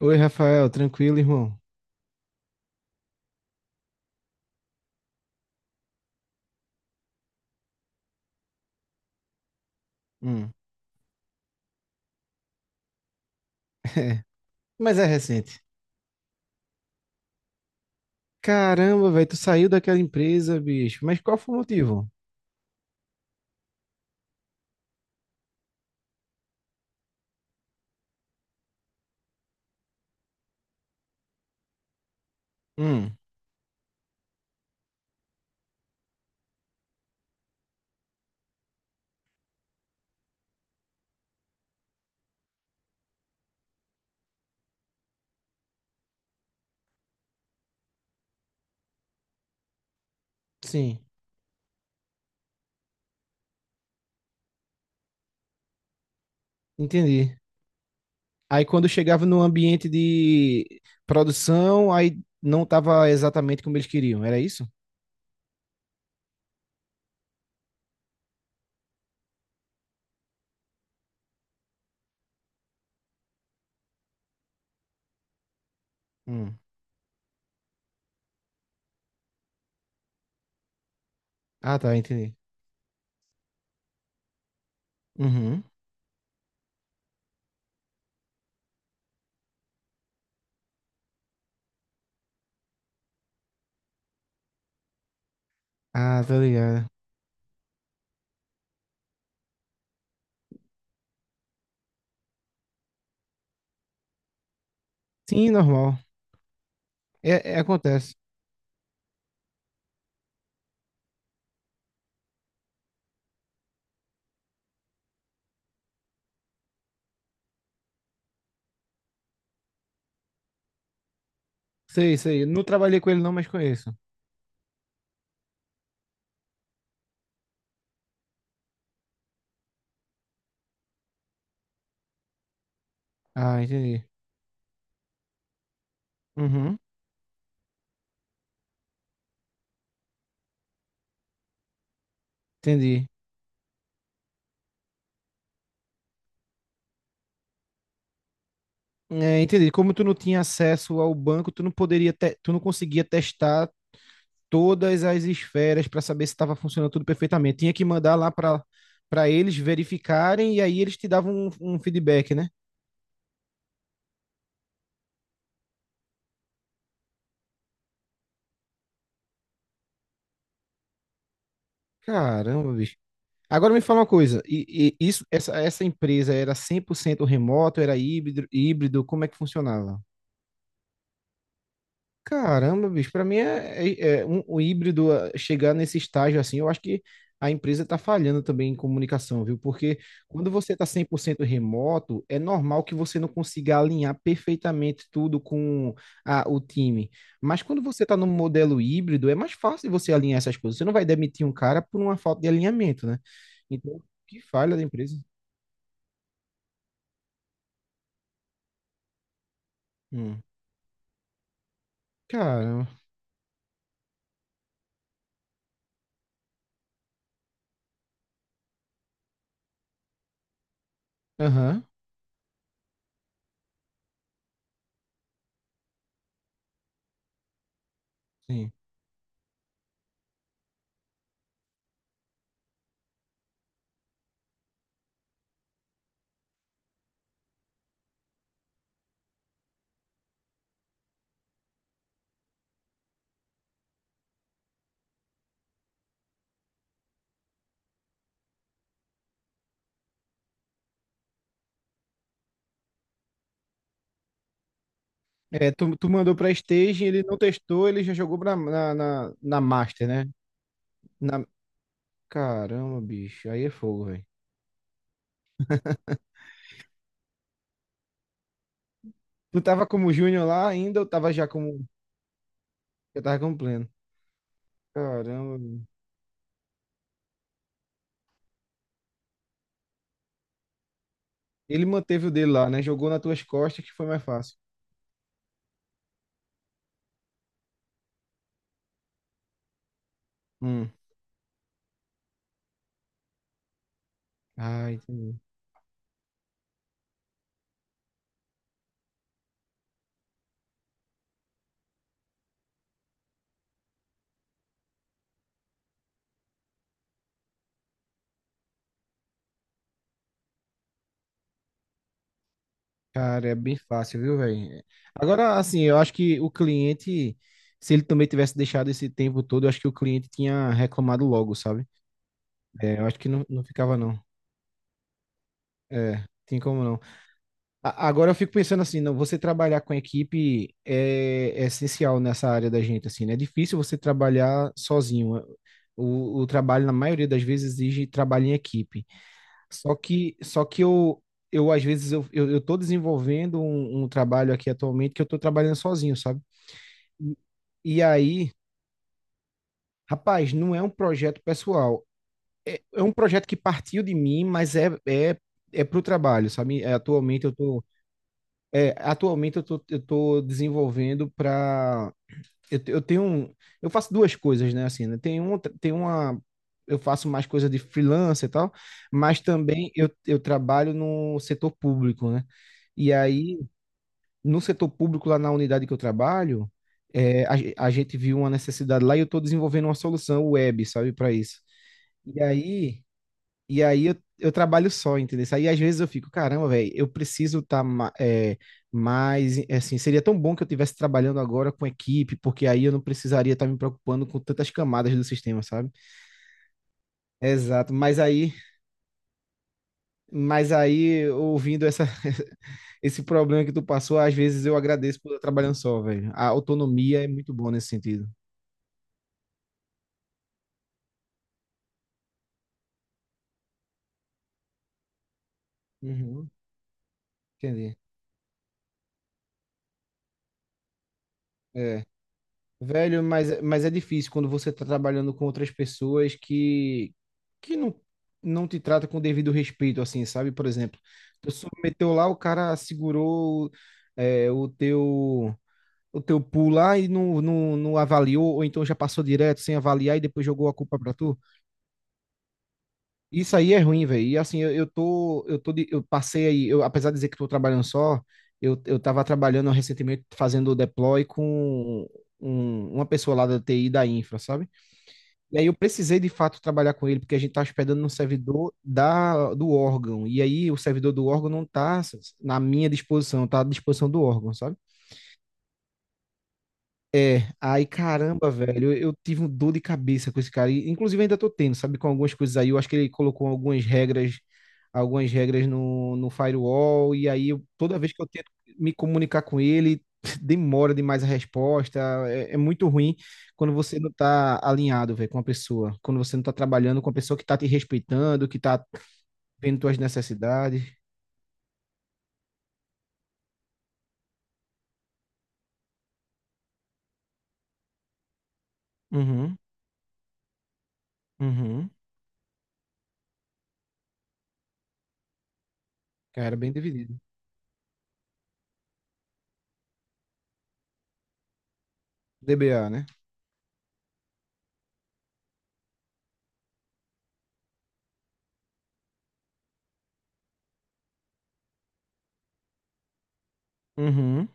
Oi, Rafael, tranquilo, irmão? Hum, é. Mas é recente. Caramba, velho, tu saiu daquela empresa, bicho. Mas qual foi o motivo? Hum, sim, entendi. Aí quando chegava no ambiente de produção, aí não tava exatamente como eles queriam, era isso? Hum. Ah, tá, entendi. Uhum. Ah, tá ligado. Sim, normal. É, acontece. Sei, sei. Eu não trabalhei com ele não, mas conheço. Ah, entendi. Uhum. Entendi. É, entendi. Como tu não tinha acesso ao banco, tu não conseguia testar todas as esferas para saber se estava funcionando tudo perfeitamente. Tinha que mandar lá para eles verificarem e aí eles te davam um feedback, né? Caramba, bicho. Agora me fala uma coisa, e essa empresa era 100% remoto, era híbrido, como é que funcionava? Caramba, bicho, pra mim é o híbrido ah, chegar nesse estágio assim, eu acho que a empresa tá falhando também em comunicação, viu? Porque quando você tá 100% remoto, é normal que você não consiga alinhar perfeitamente tudo com o time. Mas quando você tá num modelo híbrido, é mais fácil você alinhar essas coisas. Você não vai demitir um cara por uma falta de alinhamento, né? Então, que falha da empresa. Hum. Caramba. Aham. Sim. É, tu mandou pra Stage, ele não testou, ele já jogou na Master, né? Na... Caramba, bicho, aí é fogo, velho. Tu tava como Júnior lá ainda ou tava já como. Eu tava como pleno. Caramba, bicho. Ele manteve o dele lá, né? Jogou nas tuas costas que foi mais fácil. Hum. Ah, entendi. Cara, é bem fácil, viu, velho? Agora, assim, eu acho que o cliente, se ele também tivesse deixado esse tempo todo, eu acho que o cliente tinha reclamado logo, sabe? É, eu acho que não, não ficava, não. É, tem como não. Agora eu fico pensando assim, não, você trabalhar com equipe é essencial nessa área da gente, assim, né? É difícil você trabalhar sozinho. O trabalho, na maioria das vezes, exige trabalho em equipe. Só que eu às vezes, eu tô desenvolvendo um trabalho aqui atualmente que eu tô trabalhando sozinho, sabe? E e aí, rapaz, não é um projeto pessoal. É um projeto que partiu de mim, mas é pro trabalho, sabe? Atualmente eu tô desenvolvendo para eu, te- eu tenho um- eu faço duas coisas, né, assim, né? Tem um, tem uma eu faço mais coisa de freelancer e tal, mas também eu trabalho no setor público, né? E aí, no setor público lá na unidade que eu trabalho, a gente viu uma necessidade lá e eu estou desenvolvendo uma solução web, sabe, para isso. E aí, e aí eu trabalho só, entendeu? Aí às vezes eu fico, caramba, velho, eu preciso estar mais, assim, seria tão bom que eu estivesse trabalhando agora com equipe, porque aí eu não precisaria estar me preocupando com tantas camadas do sistema, sabe? Exato, mas aí, ouvindo esse problema que tu passou, às vezes eu agradeço por estar trabalhando só, velho. A autonomia é muito boa nesse sentido. Uhum, entendi. É. Velho, mas é difícil quando você tá trabalhando com outras pessoas que não te trata com o devido respeito, assim, sabe? Por exemplo, tu submeteu lá, o cara segurou é, o teu o teu pool lá e não avaliou, ou então já passou direto sem avaliar e depois jogou a culpa pra tu. Isso aí é ruim, velho. E assim, eu passei aí, apesar de dizer que tô trabalhando só, eu tava trabalhando recentemente fazendo deploy com uma pessoa lá da TI da infra, sabe? E aí eu precisei de fato trabalhar com ele, porque a gente está hospedando no servidor do órgão. E aí o servidor do órgão não está na minha disposição, está à disposição do órgão, sabe? É, aí caramba, velho, eu tive um dor de cabeça com esse cara. E, inclusive ainda tô tendo, sabe, com algumas coisas aí. Eu acho que ele colocou algumas regras no firewall, e aí toda vez que eu tento me comunicar com ele, demora demais a resposta. É muito ruim quando você não tá alinhado, velho, com uma pessoa. Quando você não tá trabalhando com uma pessoa que tá te respeitando, que tá vendo tuas necessidades. Uhum, uhum. Cara, bem dividido. DBA, né? Uhum.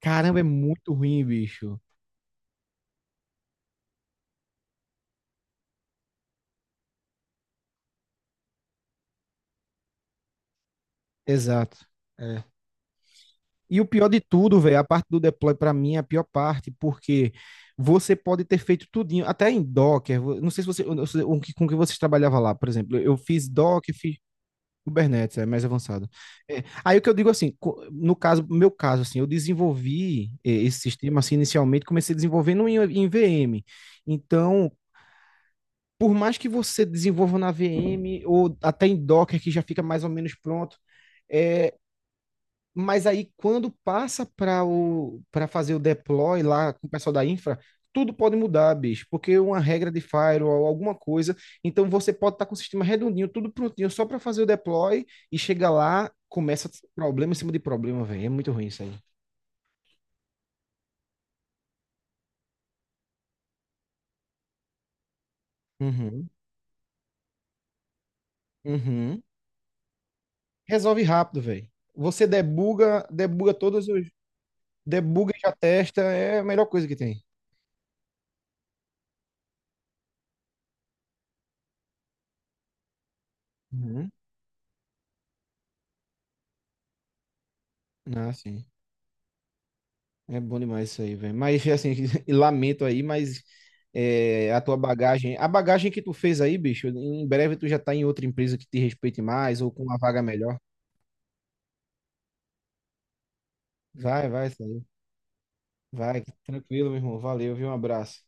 Caramba, é muito ruim, bicho. Exato. É. E o pior de tudo, velho, a parte do deploy pra mim é a pior parte, porque você pode ter feito tudinho, até em Docker. Não sei se você, eu não sei com que vocês trabalhavam lá, por exemplo. Eu fiz Docker, fiz Kubernetes, é mais avançado. É, aí o que eu digo assim, no caso, meu caso, assim, eu desenvolvi esse sistema assim inicialmente, comecei desenvolvendo em VM. Então, por mais que você desenvolva na VM ou até em Docker que já fica mais ou menos pronto. eh, Mas aí, quando passa para fazer o deploy lá com o pessoal da infra, tudo pode mudar, bicho, porque uma regra de firewall, alguma coisa. Então, você pode estar com o sistema redondinho, tudo prontinho, só para fazer o deploy e chega lá, começa problema em cima de problema, velho. É muito ruim isso aí. Uhum, uhum. Resolve rápido, velho. Você debuga todos os. Debuga e já testa, é a melhor coisa que tem. Uhum. Ah, sim. É bom demais isso aí, velho. Mas, assim, e lamento aí, mas a bagagem que tu fez aí, bicho, em breve tu já tá em outra empresa que te respeite mais ou com uma vaga melhor. Vai, vai, isso aí. Vai, tranquilo, meu irmão. Valeu, viu? Um abraço.